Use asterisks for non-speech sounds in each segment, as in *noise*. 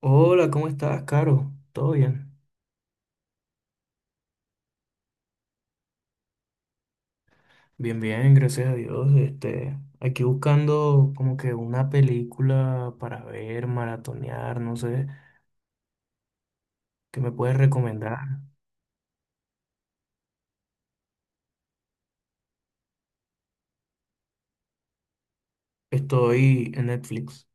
Hola, ¿cómo estás, Caro? ¿Todo bien? Bien, bien, gracias a Dios. Aquí buscando como que una película para ver, maratonear, no sé, ¿qué me puedes recomendar? Estoy en Netflix.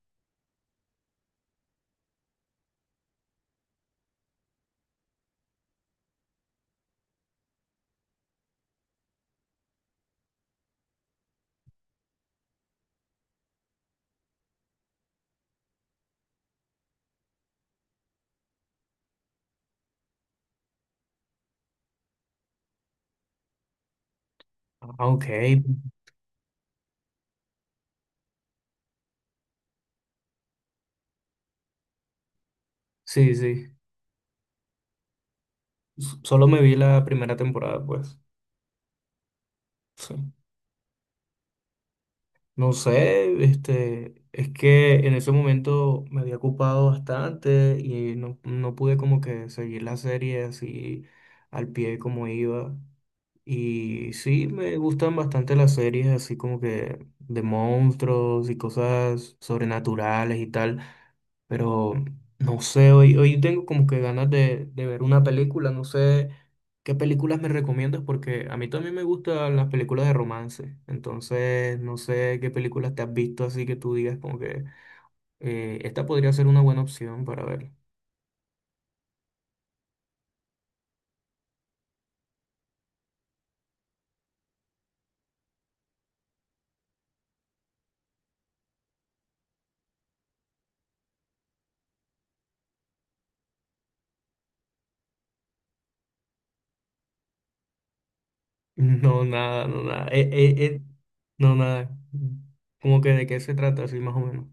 Ah, ok. Sí, sí. Solo me vi la primera temporada, pues. Sí. No sé, es que en ese momento me había ocupado bastante y no pude como que seguir la serie así al pie como iba. Y sí, me gustan bastante las series así como que de monstruos y cosas sobrenaturales y tal, pero no sé, hoy tengo como que ganas de ver una película, no sé qué películas me recomiendas porque a mí también me gustan las películas de romance, entonces no sé qué películas te has visto así que tú digas como que esta podría ser una buena opción para ver. *laughs* No, nada, no, nada, no, nada, como que de qué se trata así más o menos.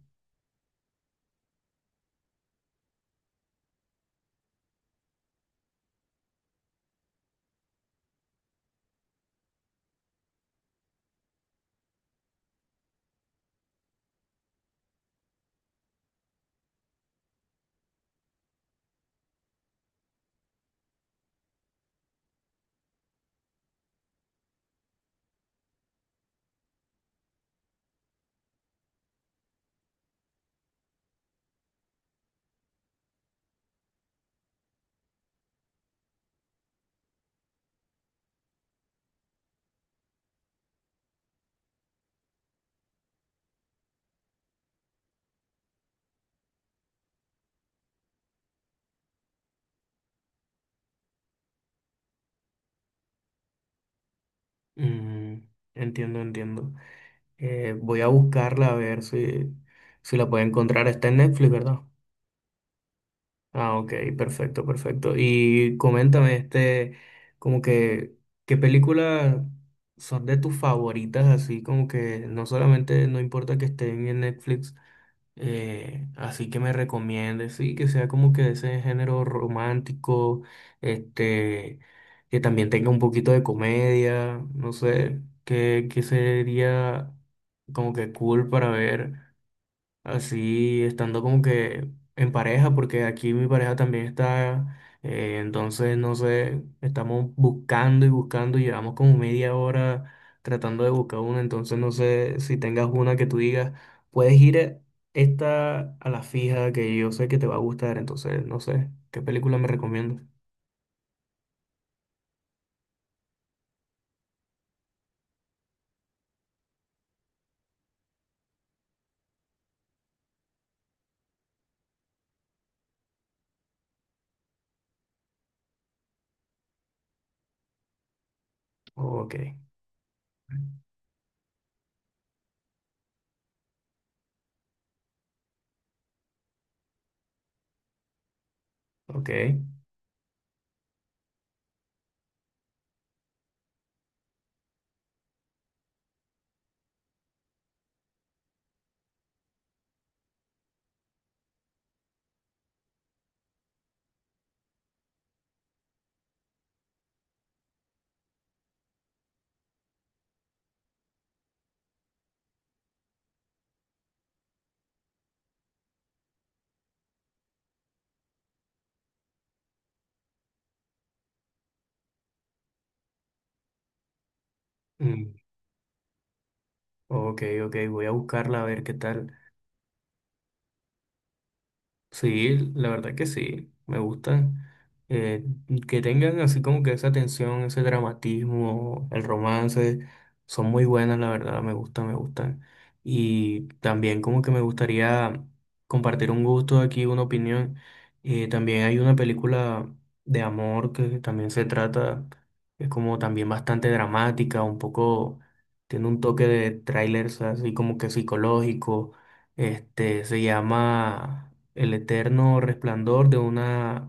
Mm, entiendo, entiendo. Voy a buscarla a ver si la puedo encontrar. Está en Netflix, ¿verdad? Ah, ok, perfecto, perfecto. Y coméntame, como que, ¿qué películas son de tus favoritas? Así como que no solamente, no importa que estén en Netflix, así que me recomiende, sí, que sea como que de ese género romántico, este, que también tenga un poquito de comedia, no sé, que sería como que cool para ver así estando como que en pareja, porque aquí mi pareja también está, entonces no sé, estamos buscando y buscando, llevamos como media hora tratando de buscar una, entonces no sé si tengas una que tú digas, puedes ir esta a la fija que yo sé que te va a gustar, entonces no sé, ¿qué película me recomiendas? Ok, ok, mm, ok, ok, voy a buscarla a ver qué tal. Sí, la verdad que sí, me gustan. eh, que tengan así como que esa tensión, ese dramatismo, el romance, son muy buenas, la verdad, me gustan, me gustan. Y también como que me gustaría compartir un gusto aquí, una opinión. También hay una película de amor que también se trata, es como también bastante dramática, un poco, tiene un toque de trailers así como que psicológico. Se llama... El eterno resplandor de una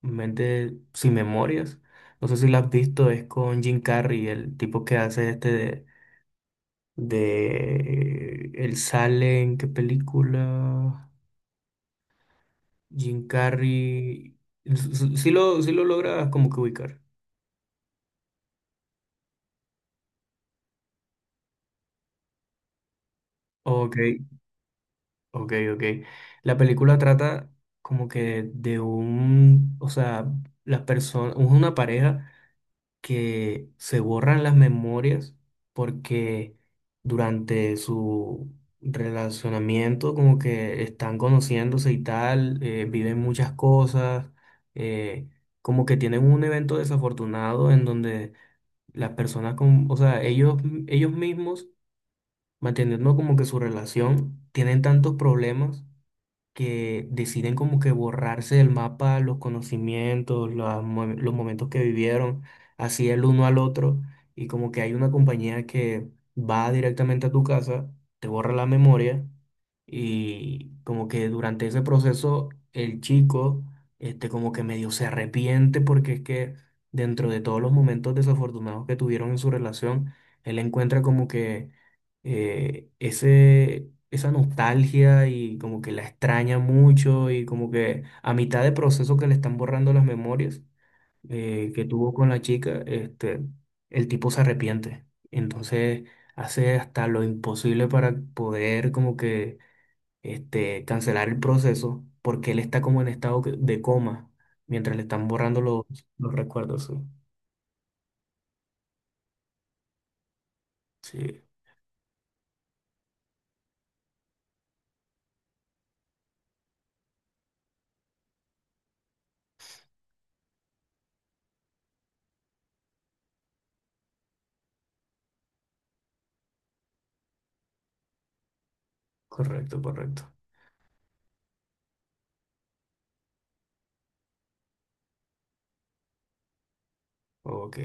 mente sin memorias. No sé si la has visto, es con Jim Carrey, el tipo que hace de él sale en qué película. Jim Carrey. Si lo, Sí lo logras como que ubicar. Ok, ok, ok. La película trata como que de un, o sea, las personas, una pareja que se borran las memorias porque durante su relacionamiento como que están conociéndose y tal, viven muchas cosas, eh, como que tienen un evento desafortunado en donde las personas, con, o sea, ellos mismos, manteniendo como que su relación, tienen tantos problemas que deciden como que borrarse del mapa los conocimientos, los momentos que vivieron, así el uno al otro, y como que hay una compañía que va directamente a tu casa, te borra la memoria, y como que durante ese proceso el chico, como que medio se arrepiente porque es que dentro de todos los momentos desafortunados que tuvieron en su relación, él encuentra como que esa nostalgia y como que la extraña mucho y como que a mitad de proceso que le están borrando las memorias que tuvo con la chica, el tipo se arrepiente. Entonces hace hasta lo imposible para poder como que cancelar el proceso porque él está como en estado de coma mientras le están borrando los recuerdos. Sí, sí, correcto, correcto. Ok,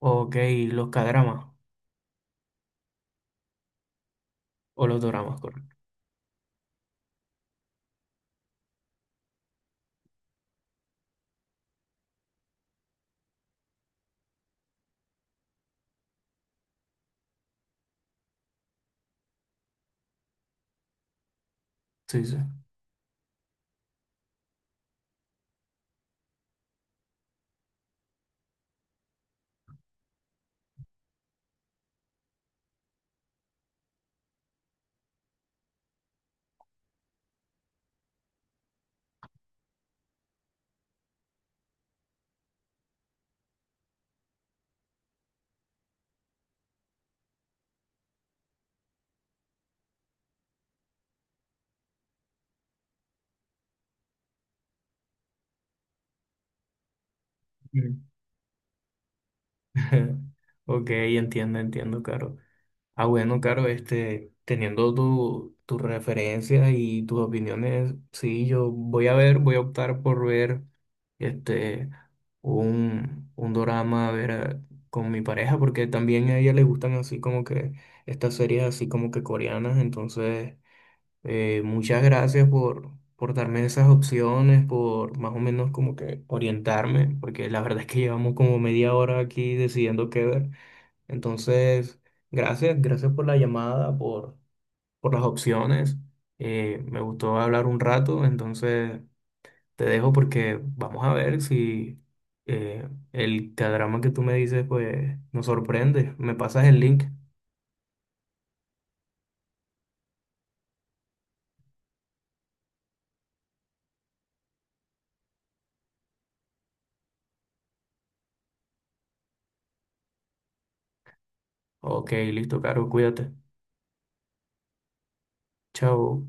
ok, los cadramas. O los doramas, correcto. Sí, sí. Mm. *laughs* Ok, entiendo, entiendo, Caro. Ah, bueno, Caro, teniendo tus referencias y tus opiniones, sí, yo voy a ver, voy a optar por ver este, un dorama, a ver, con mi pareja, porque también a ella le gustan así como que estas series así como que coreanas, entonces muchas gracias por darme esas opciones, por más o menos como que orientarme, porque la verdad es que llevamos como media hora aquí decidiendo qué ver. Entonces, gracias, gracias por la llamada, por las opciones. Me gustó hablar un rato, entonces te dejo porque vamos a ver si el cadrama que tú me dices pues nos sorprende. Me pasas el link. Ok, listo, Caro, cuídate. Chao.